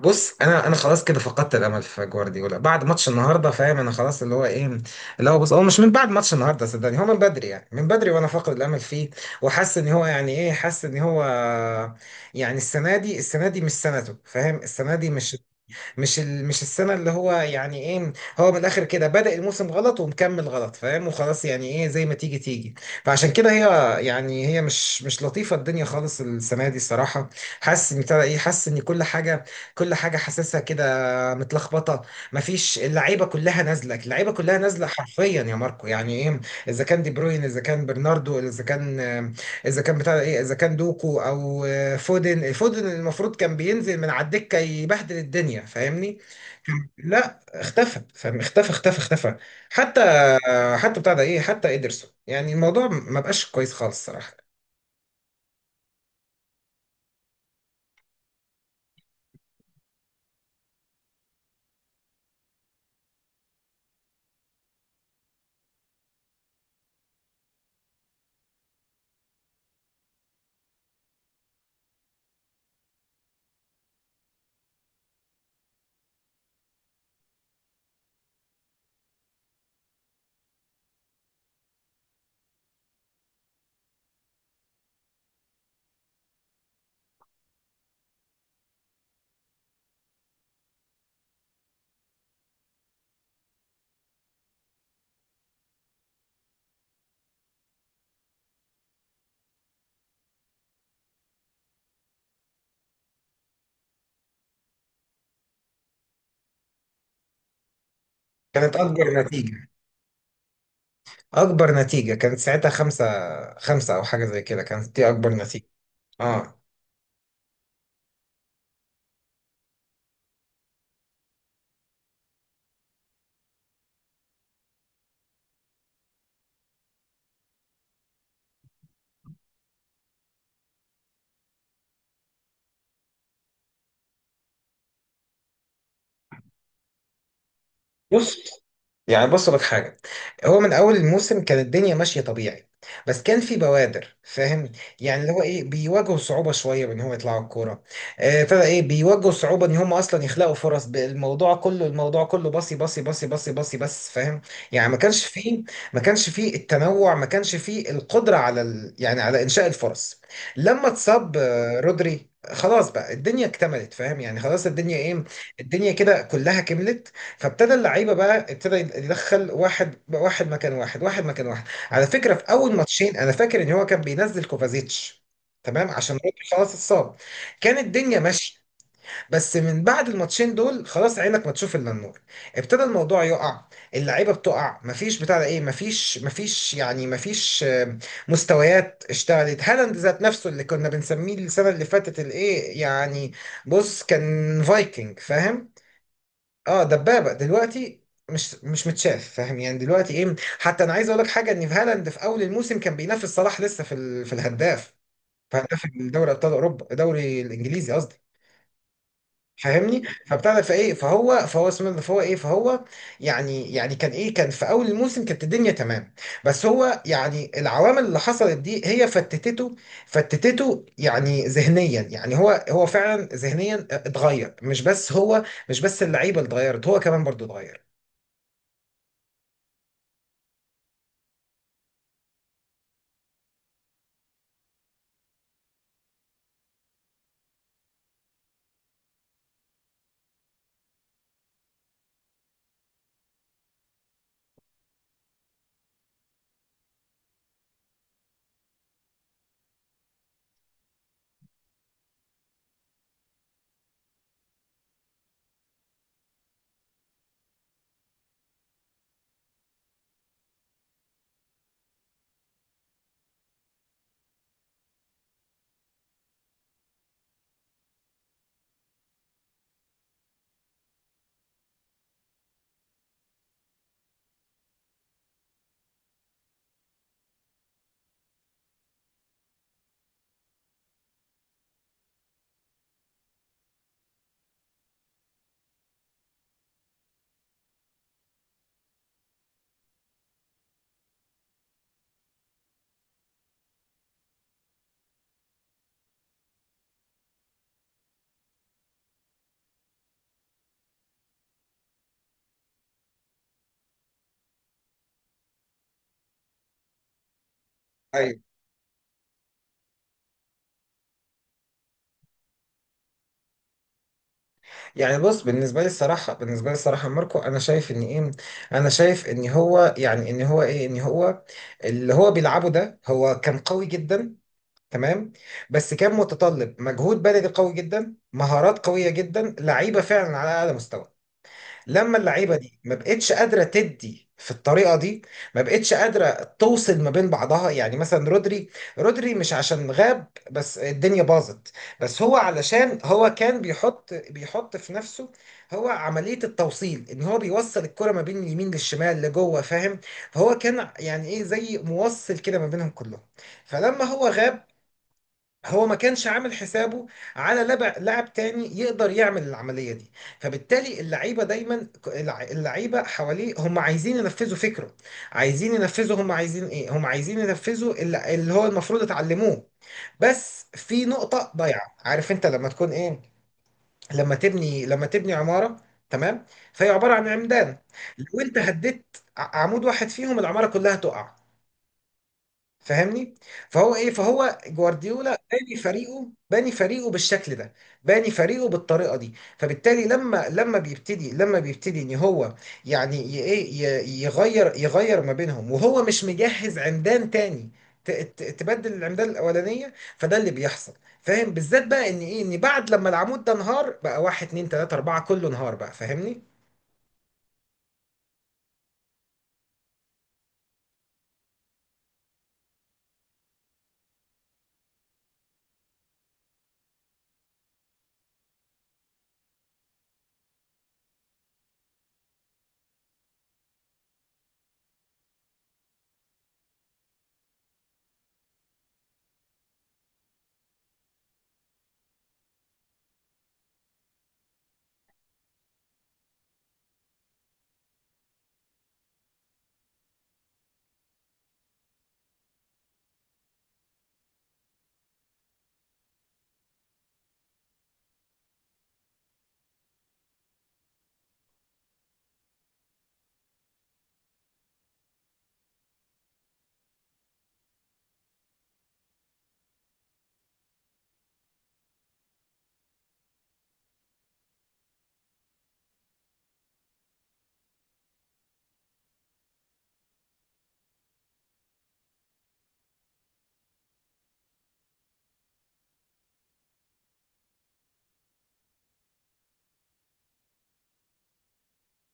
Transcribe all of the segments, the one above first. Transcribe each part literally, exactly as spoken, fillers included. بص، انا انا خلاص كده فقدت الامل في جوارديولا بعد ماتش النهارده، فاهم؟ انا خلاص اللي هو ايه، اللي هو بص، هو مش من بعد ماتش النهارده، صدقني هو من بدري، يعني من بدري وانا فاقد الامل فيه. وحاسس ان هو يعني ايه، حاسس ان هو، يعني السنه دي السنه دي مش سنته، فاهم؟ السنه دي مش مش ال... مش السنه اللي هو يعني ايه. هو من الاخر كده بدأ الموسم غلط ومكمل غلط، فاهم، وخلاص يعني ايه، زي ما تيجي تيجي. فعشان كده هي، يعني هي مش مش لطيفه الدنيا خالص السنه دي الصراحه. حاسس ان ابتدى ايه، حاسس ان كل حاجه، كل حاجه حاسسها كده متلخبطه. مفيش، اللعيبه كلها نازله، اللعيبه كلها نازله حرفيا يا ماركو، يعني ايه؟ اذا كان دي بروين، اذا كان برناردو، اذا كان اذا كان بتاع ايه، اذا كان دوكو او فودن فودن المفروض كان بينزل من على الدكه يبهدل الدنيا، فاهمني؟ لا، اختفى، فاهم؟ اختفى اختفى اختفى. حتى حتى بتاع ده ايه، حتى ادرسون، يعني الموضوع ما بقاش كويس خالص الصراحه. كانت اكبر نتيجه، اكبر نتيجه كانت ساعتها خمسة، خمسة او حاجه زي كده، كانت دي اكبر نتيجه. اه. بص، يعني بص لك حاجة، هو من أول الموسم كانت الدنيا ماشية طبيعي، بس كان في بوادر، فاهم؟ يعني اللي هو إيه، بيواجهوا صعوبة شوية بإن هو يطلعوا الكورة. آه، ابتدى إيه، بيواجهوا صعوبة إن هم أصلا يخلقوا فرص. ب- الموضوع كله، الموضوع كله باصي باصي باصي باصي باصي بس، فاهم؟ يعني ما كانش فيه، ما كانش فيه التنوع، ما كانش فيه القدرة على ال... يعني على إنشاء الفرص. لما اتصاب آه، رودري خلاص بقى الدنيا اكتملت، فاهم؟ يعني خلاص الدنيا ايه، الدنيا كده كلها كملت. فابتدى اللعيبه بقى، ابتدى يدخل واحد واحد مكان واحد واحد مكان واحد. على فكره في اول ماتشين انا فاكر ان هو كان بينزل كوفازيتش، تمام، عشان رودري خلاص اتصاب. كان الدنيا ماشيه، بس من بعد الماتشين دول خلاص عينك ما تشوف الا النور، ابتدى الموضوع يقع، اللعيبه بتقع، مفيش بتاع ده ايه، مفيش مفيش يعني مفيش آه، مستويات. اشتغلت هالاند ذات نفسه اللي كنا بنسميه السنه اللي فاتت الايه يعني؟ بص، كان فايكنج، فاهم؟ اه، دبابه. دلوقتي مش مش متشاف، فاهم؟ يعني دلوقتي ايه، حتى انا عايز اقول لك حاجه، ان في هالاند في اول الموسم كان بينافس صلاح لسه في ال... في الهداف، في هداف الدوري ابطال اوروبا، الدوري الانجليزي قصدي، فاهمني؟ فبتاع ده، فايه، فهو فهو اسمه ده، فهو ايه، فهو، يعني يعني كان ايه، كان في اول الموسم كانت الدنيا تمام، بس هو يعني العوامل اللي حصلت دي هي فتتته، فتتته يعني ذهنيا، يعني هو هو فعلا ذهنيا اتغير، مش بس هو، مش بس اللعيبه اللي اتغيرت، هو كمان برضو اتغير. ايوه. يعني بص، بالنسبه لي الصراحه، بالنسبه لي الصراحه ماركو، انا شايف ان ايه، انا شايف ان هو يعني ان هو ايه، ان هو اللي هو بيلعبه ده هو كان قوي جدا، تمام، بس كان متطلب مجهود بدني قوي جدا، مهارات قويه جدا، لعيبه فعلا على اعلى مستوى. لما اللعيبه دي ما بقتش قادره تدي في الطريقه دي، ما بقتش قادره توصل ما بين بعضها. يعني مثلا رودري، رودري مش عشان غاب بس الدنيا باظت، بس هو علشان هو كان بيحط، بيحط في نفسه هو عمليه التوصيل، ان هو بيوصل الكره ما بين اليمين للشمال لجوه، فاهم؟ فهو كان يعني ايه زي موصل كده ما بينهم كلهم. فلما هو غاب هو ما كانش عامل حسابه على لعب لاعب تاني يقدر يعمل العملية دي. فبالتالي اللعيبة دايما الع- اللعيبة حواليه هم عايزين ينفذوا فكره، عايزين ينفذوا، هم عايزين ايه، هم عايزين ينفذوا اللي اللي هو المفروض اتعلموه، بس في نقطة ضايعة. عارف انت لما تكون ايه، لما تبني لما تبني عمارة، تمام، فهي عبارة عن عمدان، لو انت هديت ع- عمود واحد فيهم العمارة كلها تقع، فاهمني؟ فهو ايه، فهو جوارديولا باني فريقه، باني فريقه بالشكل ده، باني فريقه بالطريقه دي. فبالتالي لما لما بيبتدي، لما بيبتدي ان هو يعني ي- ايه ي- يغير، يغير ما بينهم وهو مش مجهز عمدان تاني، ت- ت- تبدل العمدان الاولانيه، فده اللي بيحصل، فاهم؟ بالذات بقى ان ايه، ان بعد لما العمود ده انهار بقى واحد اتنين تلاته اربعه كله انهار بقى، فاهمني؟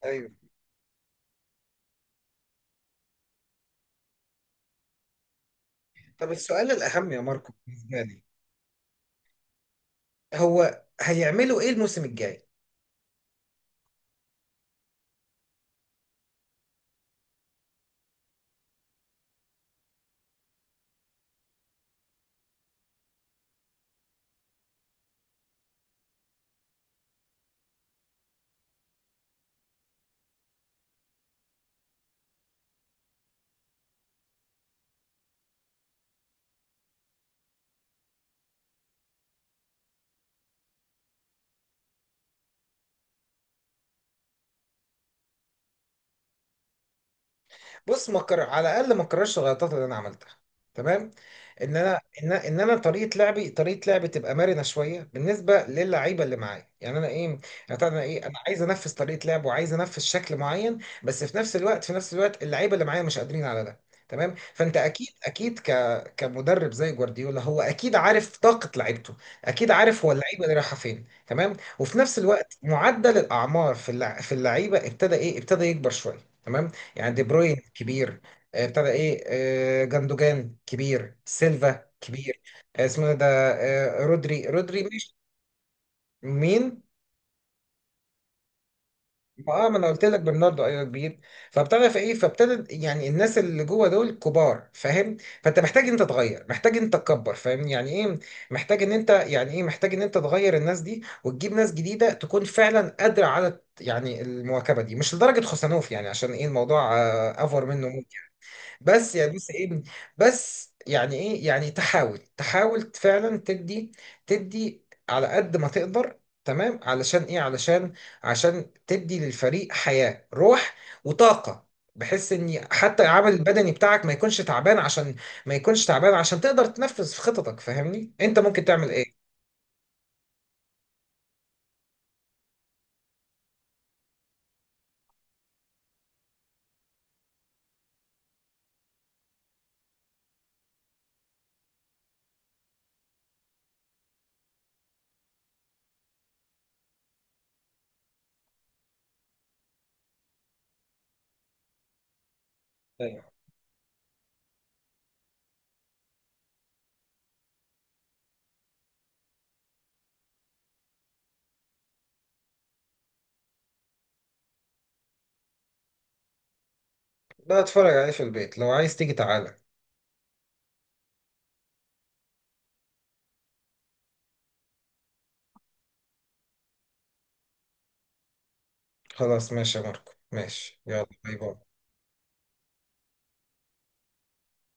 ايوه. طب السؤال الاهم يا ماركو بالنسبه لي، هو هيعملوا ايه الموسم الجاي؟ بص، ما كر... على الاقل ما اكررش الغلطات اللي انا عملتها، تمام، ان انا، ان أنا- ان انا طريقه لعبي، طريقه لعبي تبقى مرنه شويه بالنسبه للعيبه اللي معايا، يعني انا ايه، يعني طبعاً انا ايه، انا عايز انفذ طريقه لعب وعايز انفذ شكل معين، بس في نفس الوقت، في نفس الوقت اللعيبه اللي معايا مش قادرين على ده، تمام. فانت اكيد، اكيد ك... كمدرب زي جوارديولا هو اكيد عارف طاقه لعيبته، اكيد عارف هو اللعيبه اللي رايحه فين، تمام. وفي نفس الوقت معدل الاعمار في اللع... في اللعيبه ابتدى ايه، ابتدى يكبر شويه، تمام. يعني دي بروين كبير، آه، ابتدى ايه، آه، جندوجان كبير، سيلفا كبير، آه، اسمه إيه ده، آه، رودري، رودري مش، مين؟ ما اه ما انا قلت لك برناردو، ايوه كبير. فابتدى في ايه، فابتدى يعني الناس اللي جوه دول كبار، فاهم؟ فانت محتاج انت تغير، محتاج انت تكبر، فاهم؟ يعني ايه محتاج ان انت، يعني ايه محتاج ان انت تغير الناس دي وتجيب ناس جديده تكون فعلا قادره على يعني المواكبه دي، مش لدرجه خوسانوف يعني، عشان ايه الموضوع آه، افور منه. بس يا بص ايه، بس يعني ايه، يعني تحاول، تحاول فعلا تدي، تدي على قد ما تقدر، تمام، علشان ايه، علشان عشان تدي للفريق حياة روح وطاقة، بحيث ان حتى العمل البدني بتاعك ما يكونش تعبان، عشان ما يكونش تعبان عشان تقدر تنفذ في خططك، فاهمني؟ انت ممكن تعمل ايه؟ طيب. ده اتفرج عليه في البيت، لو عايز تيجي تعالى. خلاص ماشي يا ماركو، ماشي، يلا باي باي.